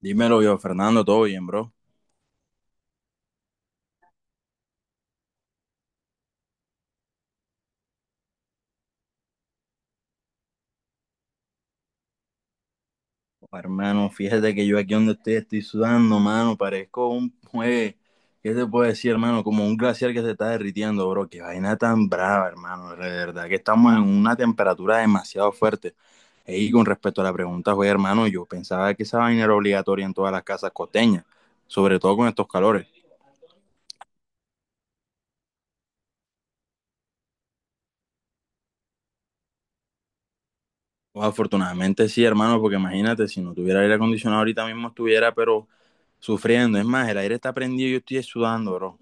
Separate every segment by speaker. Speaker 1: Dímelo yo, Fernando, todo bien, bro. Oh, hermano, fíjate que yo aquí donde estoy sudando, mano. Parezco un juez. ¿Qué te puedo decir, hermano? Como un glaciar que se está derritiendo, bro. Qué vaina tan brava, hermano. De verdad que estamos en una temperatura demasiado fuerte. Y con respecto a la pregunta, güey, hermano, yo pensaba que esa vaina era obligatoria en todas las casas costeñas, sobre todo con estos calores. Pues, afortunadamente sí, hermano, porque imagínate, si no tuviera aire acondicionado ahorita mismo estuviera, pero sufriendo. Es más, el aire está prendido y yo estoy sudando, bro.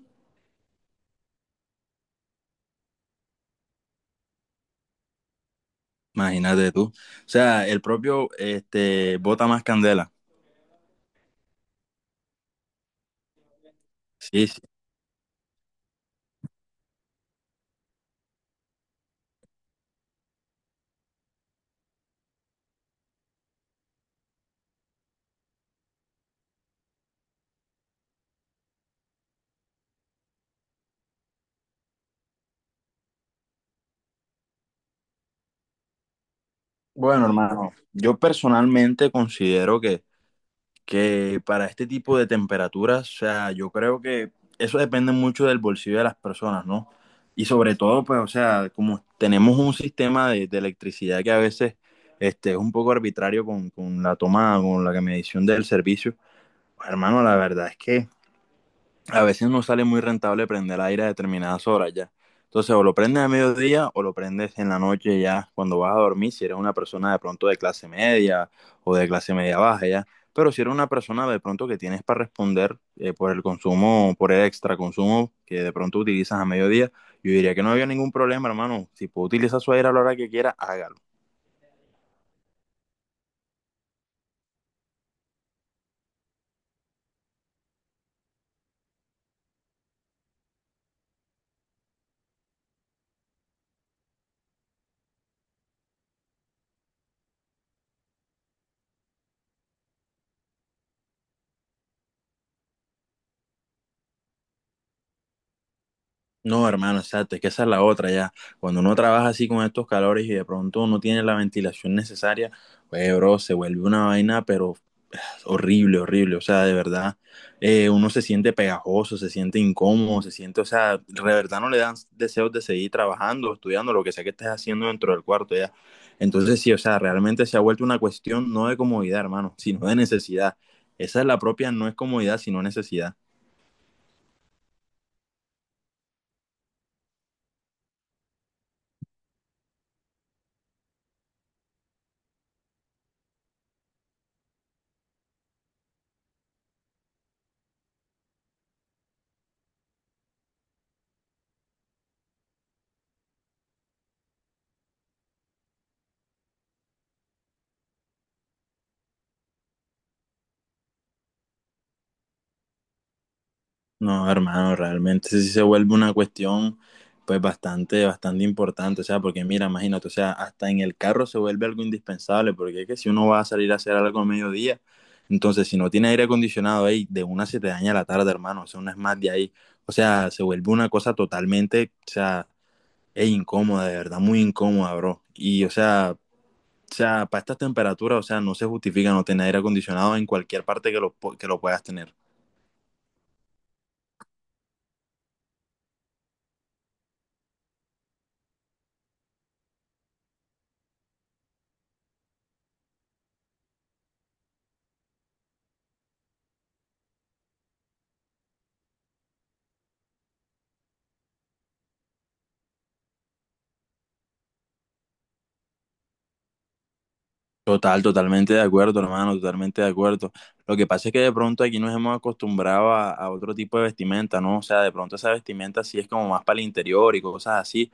Speaker 1: Imagínate tú. O sea, el propio bota más candela. Sí, sí. Bueno, hermano, yo personalmente considero que para este tipo de temperaturas, o sea, yo creo que eso depende mucho del bolsillo de las personas, ¿no? Y sobre todo, pues, o sea, como tenemos un sistema de electricidad que a veces es un poco arbitrario con la toma, con la medición del servicio, pues, hermano, la verdad es que a veces no sale muy rentable prender aire a determinadas horas ya. Entonces, o lo prendes a mediodía o lo prendes en la noche ya, cuando vas a dormir, si eres una persona de pronto de clase media o de clase media baja ya. Pero si eres una persona de pronto que tienes para responder por el consumo, por el extra consumo que de pronto utilizas a mediodía, yo diría que no había ningún problema, hermano. Si puede utilizar su aire a la hora que quiera, hágalo. No, hermano, exacto, es que esa es la otra ya. Cuando uno trabaja así con estos calores y de pronto no tiene la ventilación necesaria, pues, bro, se vuelve una vaina, pero horrible, horrible. O sea, de verdad, uno se siente pegajoso, se siente incómodo, se siente, o sea, de verdad no le dan deseos de seguir trabajando, estudiando, lo que sea que estés haciendo dentro del cuarto ya. Entonces, sí, o sea, realmente se ha vuelto una cuestión no de comodidad, hermano, sino de necesidad. Esa es la propia, no es comodidad, sino necesidad. No, hermano, realmente sí se vuelve una cuestión pues bastante, bastante importante, o sea, porque mira, imagínate, o sea, hasta en el carro se vuelve algo indispensable, porque es que si uno va a salir a hacer algo a mediodía, entonces si no tiene aire acondicionado ahí, de una se te daña la tarde, hermano, o sea, una es más de ahí, o sea, se vuelve una cosa totalmente, o sea, es incómoda, de verdad, muy incómoda, bro, y o sea, para estas temperaturas, o sea, no se justifica no tener aire acondicionado en cualquier parte que que lo puedas tener. Total, totalmente de acuerdo, hermano, totalmente de acuerdo. Lo que pasa es que de pronto aquí nos hemos acostumbrado a otro tipo de vestimenta, ¿no? O sea, de pronto esa vestimenta sí es como más para el interior y cosas así,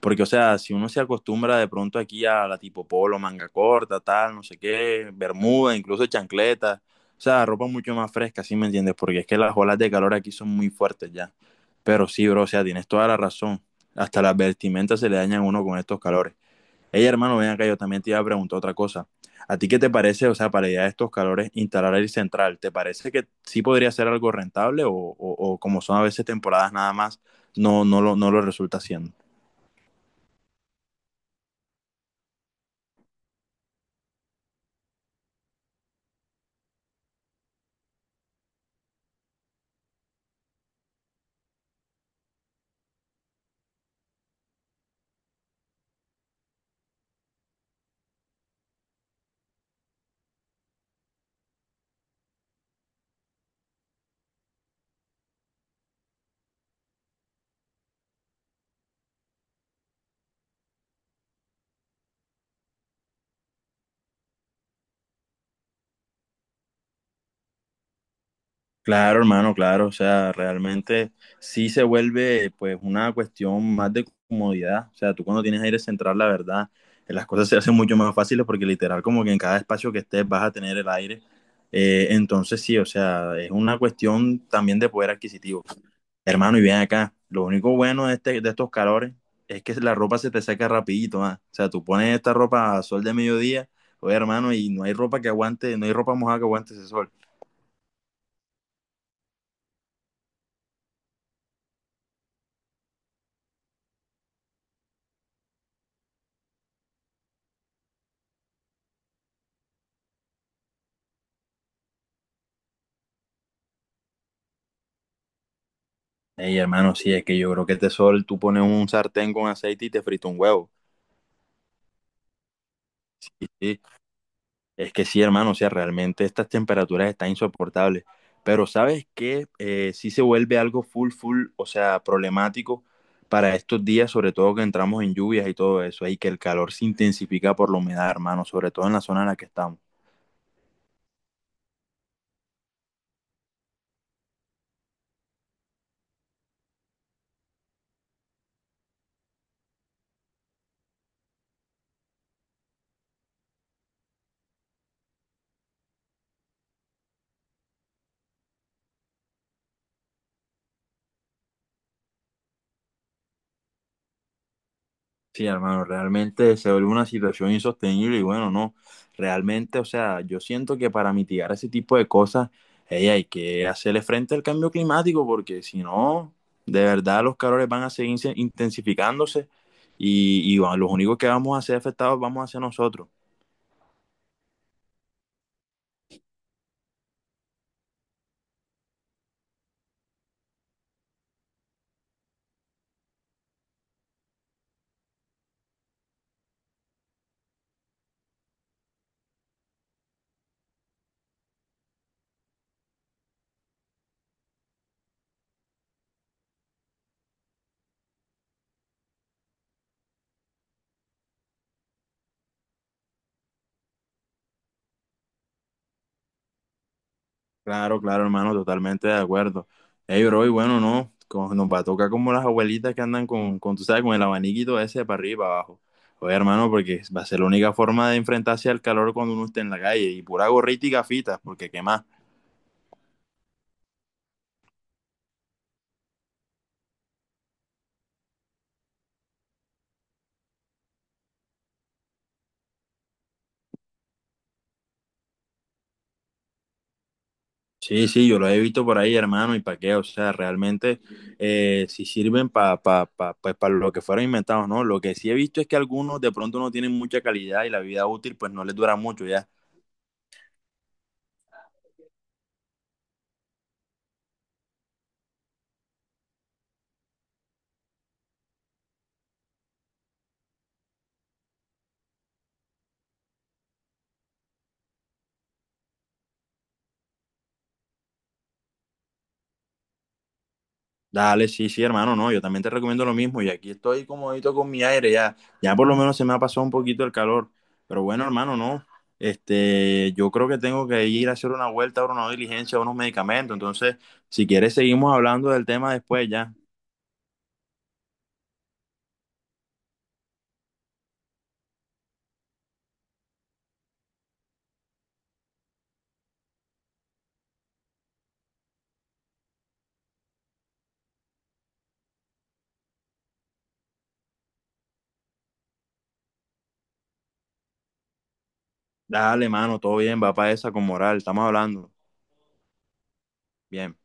Speaker 1: porque, o sea, si uno se acostumbra de pronto aquí a la tipo polo, manga corta, tal, no sé qué, bermuda, incluso chancleta, o sea, ropa mucho más fresca, ¿sí me entiendes? Porque es que las olas de calor aquí son muy fuertes ya. Pero sí, bro, o sea, tienes toda la razón. Hasta las vestimentas se le dañan a uno con estos calores. Ey, hermano, ven acá, yo también te iba a preguntar otra cosa. ¿A ti qué te parece, o sea, para ya estos calores, instalar el central? ¿Te parece que sí podría ser algo rentable o como son a veces temporadas nada más, no, no lo resulta siendo? Claro, hermano, claro, o sea, realmente sí se vuelve pues una cuestión más de comodidad, o sea, tú cuando tienes aire central, la verdad, las cosas se hacen mucho más fáciles porque literal como que en cada espacio que estés vas a tener el aire. Entonces sí, o sea, es una cuestión también de poder adquisitivo. Hermano, y bien acá. Lo único bueno de estos calores es que la ropa se te seca rapidito, ah. O sea, tú pones esta ropa a sol de mediodía, oye, hermano, y no hay ropa que aguante, no hay ropa mojada que aguante ese sol. Ey, hermano, sí, es que yo creo que este sol, tú pones un sartén con aceite y te frita un huevo. Sí, sí. Es que sí, hermano, o sea, realmente estas temperaturas están insoportables. Pero ¿sabes qué? Sí se vuelve algo full, full, o sea, problemático para estos días, sobre todo que entramos en lluvias y todo eso, y que el calor se intensifica por la humedad, hermano, sobre todo en la zona en la que estamos. Sí, hermano, realmente se vuelve una situación insostenible y bueno, no, realmente, o sea, yo siento que para mitigar ese tipo de cosas, ey, hay que hacerle frente al cambio climático porque si no, de verdad los calores van a seguir intensificándose y bueno, los únicos que vamos a ser afectados vamos a ser nosotros. Claro, claro, hermano, totalmente de acuerdo. Ey, bro, y bueno, no, nos va a tocar como las abuelitas que andan tú sabes, con el abaniquito ese para arriba y para abajo. Oye, hermano, porque va a ser la única forma de enfrentarse al calor cuando uno esté en la calle, y pura gorrita y gafitas, porque qué más. Sí, sí, yo lo he visto por ahí, hermano, y para qué, o sea, realmente sí sirven para pues, para lo que fueron inventados, ¿no? Lo que sí he visto es que algunos de pronto no tienen mucha calidad y la vida útil pues no les dura mucho, ya. Dale, sí, sí, hermano, no, yo también te recomiendo lo mismo y aquí estoy comodito con mi aire, ya, ya por lo menos se me ha pasado un poquito el calor, pero bueno, hermano, no, yo creo que tengo que ir a hacer una vuelta, ahora una diligencia, unos medicamentos, entonces, si quieres seguimos hablando del tema después, ya, dale, hermano, todo bien, va para esa con moral, estamos hablando, bien.